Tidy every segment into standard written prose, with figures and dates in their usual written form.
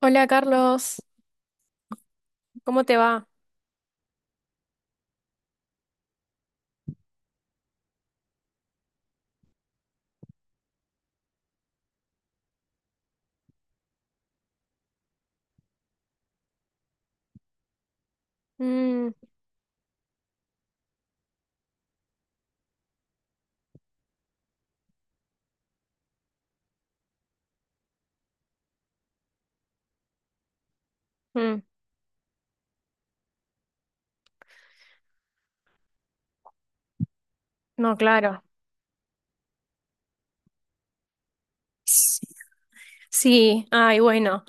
Hola, Carlos, ¿cómo te va? Mm, mm, no, claro. Sí, ay, bueno.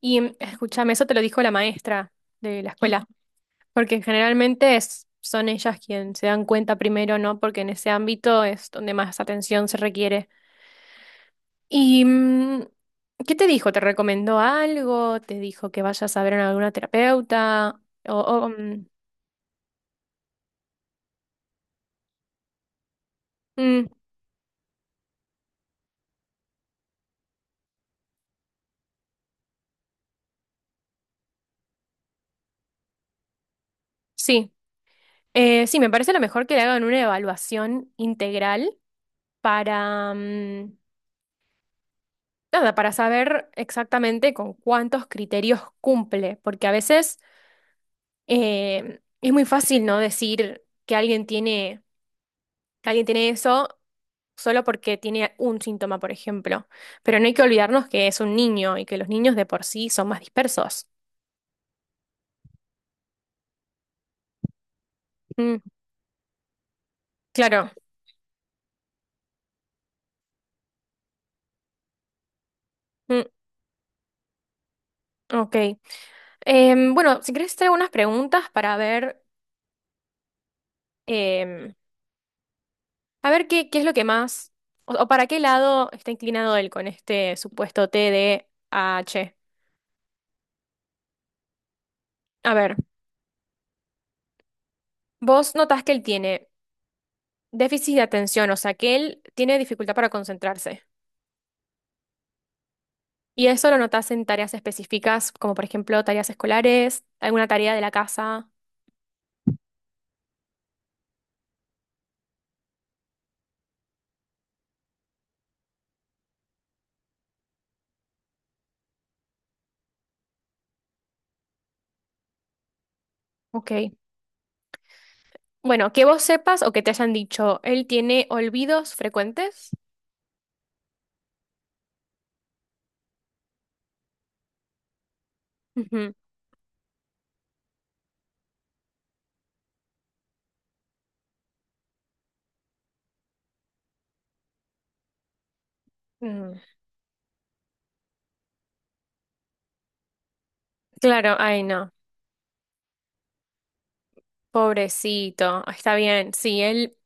Y escúchame, eso te lo dijo la maestra de la escuela, porque generalmente son ellas quienes se dan cuenta primero, ¿no? Porque en ese ámbito es donde más atención se requiere. ¿Y qué te dijo? ¿Te recomendó algo? ¿Te dijo que vayas a ver a alguna terapeuta? O, mm, mm, sí. Sí, me parece lo mejor que le hagan una evaluación integral para, nada, para saber exactamente con cuántos criterios cumple, porque a veces es muy fácil, ¿no? Decir que alguien tiene eso solo porque tiene un síntoma, por ejemplo, pero no hay que olvidarnos que es un niño y que los niños de por sí son más dispersos. Mm, claro. Mm, ok. Bueno, si querés hacer algunas preguntas para ver... em, A ver qué es lo que más, o para qué lado está inclinado él con este supuesto TDAH. A ver, vos notás que él tiene déficit de atención, o sea, que él tiene dificultad para concentrarse. Y eso lo notás en tareas específicas, como por ejemplo tareas escolares, alguna tarea de la casa. Ok. Bueno, que vos sepas o que te hayan dicho, él tiene olvidos frecuentes. Ujú. Mm. Claro, ay, no. Pobrecito, está bien. Sí, él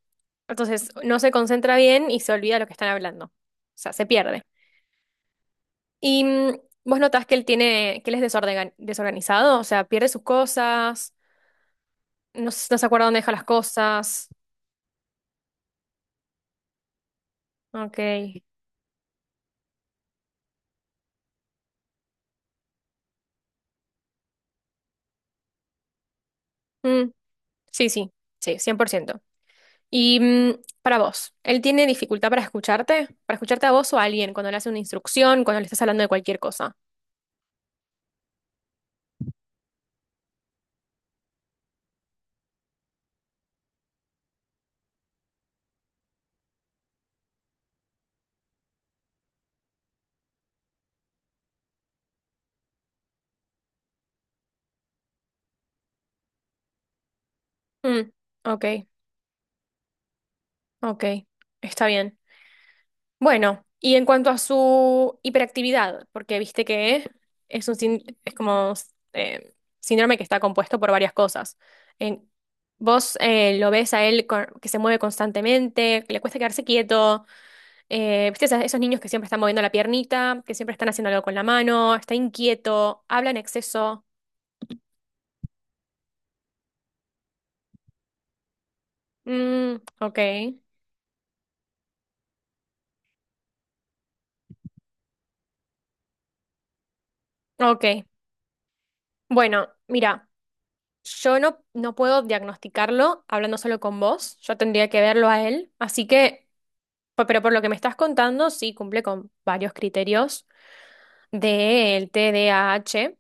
Entonces, no se concentra bien y se olvida lo que están hablando. O sea, se pierde. Y vos notás que él es desorganizado, o sea, pierde sus cosas, no, no se acuerda dónde deja las cosas. Ok. Mm, sí, sí, sí, 100%. Y para vos, ¿él tiene dificultad para escucharte? ¿Para escucharte a vos o a alguien cuando le hace una instrucción, cuando le estás hablando de cualquier cosa? Mm, ok, ok, está bien. Bueno, y en cuanto a su hiperactividad, porque viste que es un sin- es como síndrome que está compuesto por varias cosas. En- Vos lo ves a él que se mueve constantemente, que le cuesta quedarse quieto, viste esos niños que siempre están moviendo la piernita, que siempre están haciendo algo con la mano, está inquieto, habla en exceso. Mm, ok, ok. Bueno, mira. Yo no, no puedo diagnosticarlo hablando solo con vos, yo tendría que verlo a él, así que pero por lo que me estás contando, sí cumple con varios criterios del TDAH,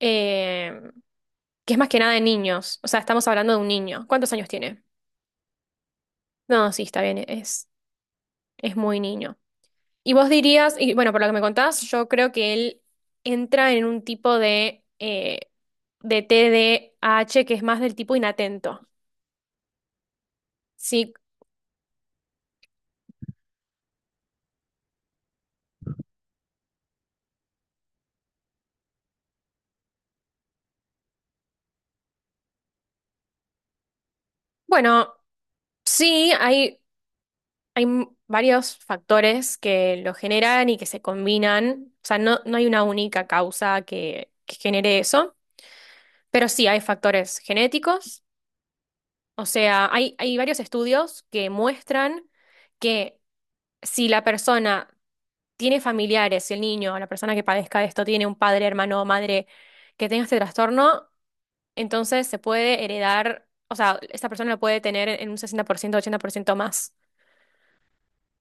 eh, que es más que nada de niños. O sea, estamos hablando de un niño. ¿Cuántos años tiene? No, sí, está bien, es muy niño. Y vos dirías, y bueno, por lo que me contás, yo creo que él entra en un tipo de TDAH que es más del tipo inatento. Sí, bueno, sí, hay. Varios factores que lo generan y que se combinan. O sea, no, no hay una única causa que genere eso, pero sí hay factores genéticos. O sea, hay varios estudios que muestran que si la persona tiene familiares, si el niño o la persona que padezca esto tiene un padre, hermano o madre que tenga este trastorno, entonces se puede heredar, o sea, esta persona lo puede tener en un 60%, 80% más.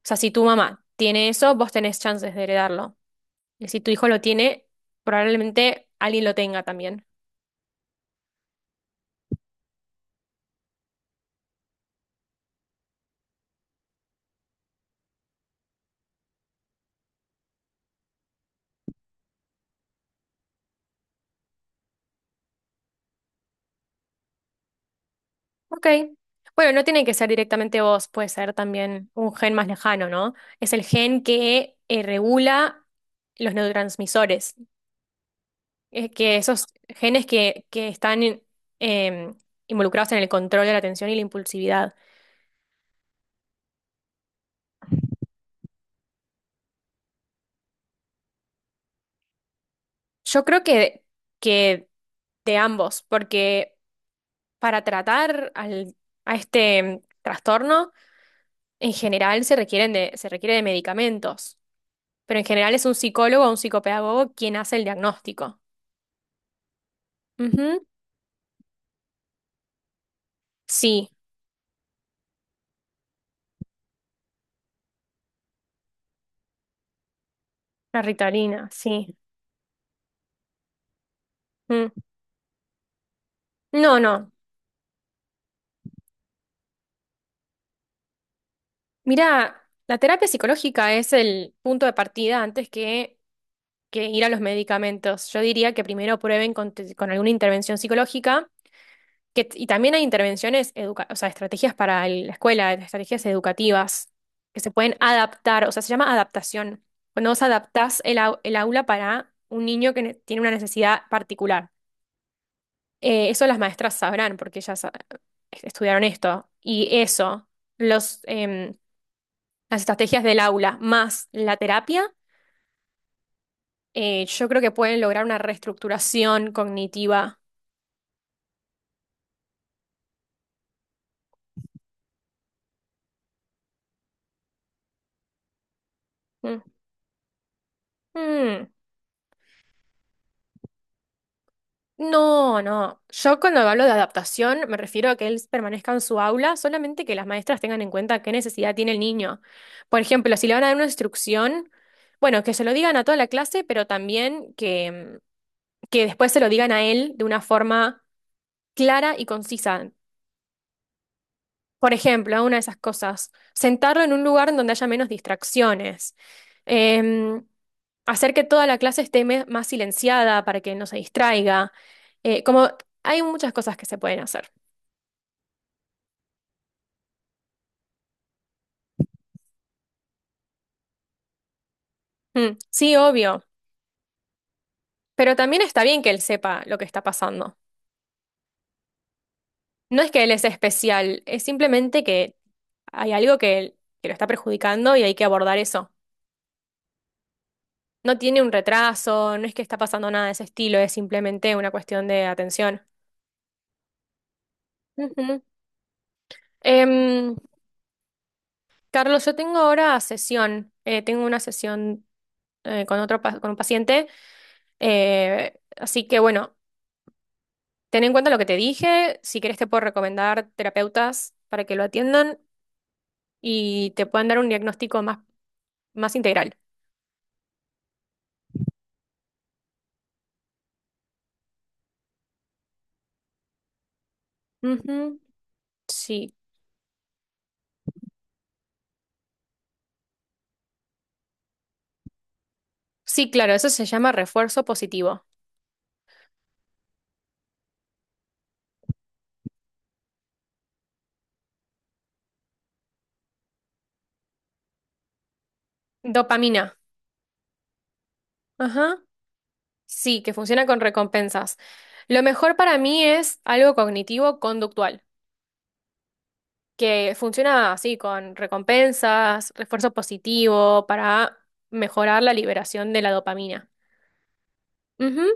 O sea, si tu mamá tiene eso, vos tenés chances de heredarlo. Y si tu hijo lo tiene, probablemente alguien lo tenga también. Ok. Bueno, no tiene que ser directamente vos, puede ser también un gen más lejano, ¿no? Es el gen que regula los neurotransmisores. Es que esos genes que están eh, involucrados en el control de la atención y la impulsividad. Yo creo que de ambos, porque para tratar a este trastorno, en general se requiere de medicamentos. Pero en general es un psicólogo o un psicopedagogo quien hace el diagnóstico. Ujú. Sí, la Ritalina, sí. Mm. No, no. Mira, la terapia psicológica es el punto de partida antes que ir a los medicamentos. Yo diría que primero prueben con alguna intervención psicológica, y también hay intervenciones, educa o sea, estrategias para la escuela, estrategias educativas que se pueden adaptar, o sea, se llama adaptación, cuando vos adaptás el aula para un niño que tiene una necesidad particular. Eso las maestras sabrán porque ellas estudiaron esto. Y eso, los, em, las estrategias del aula más la terapia, yo creo que pueden lograr una reestructuración cognitiva. Mm. Mm. No, no. Yo cuando hablo de adaptación me refiero a que él permanezca en su aula, solamente que las maestras tengan en cuenta qué necesidad tiene el niño. Por ejemplo, si le van a dar una instrucción, bueno, que se lo digan a toda la clase, pero también que después se lo digan a él de una forma clara y concisa. Por ejemplo, una de esas cosas, sentarlo en un lugar en donde haya menos distracciones. Em, Hacer que toda la clase esté más silenciada para que no se distraiga. Como hay muchas cosas que se pueden hacer. Mm, sí, obvio, pero también está bien que él sepa lo que está pasando. No es que él es especial, es simplemente que hay algo que lo está perjudicando y hay que abordar eso. No tiene un retraso, no es que está pasando nada de ese estilo, es simplemente una cuestión de atención. Ujú. Em, Carlos, yo tengo ahora sesión, tengo una sesión con un paciente, así que bueno, ten en cuenta lo que te dije, si querés te puedo recomendar terapeutas para que lo atiendan y te puedan dar un diagnóstico más integral. Ujú. Sí, sí, claro, eso se llama refuerzo positivo. Dopamina, ajá, sí, que funciona con recompensas. Lo mejor para mí es algo cognitivo conductual, que funciona así, con recompensas, refuerzo positivo, para mejorar la liberación de la dopamina. Ujú,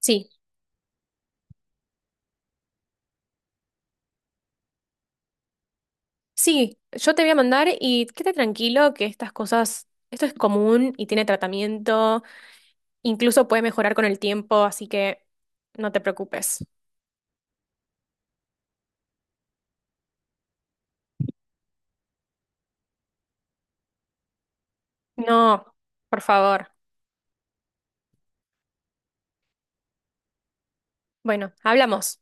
sí, sí, yo te voy a mandar y quédate tranquilo que estas cosas, esto es común y tiene tratamiento, incluso puede mejorar con el tiempo, así que no te preocupes. No, por favor. Bueno, hablamos.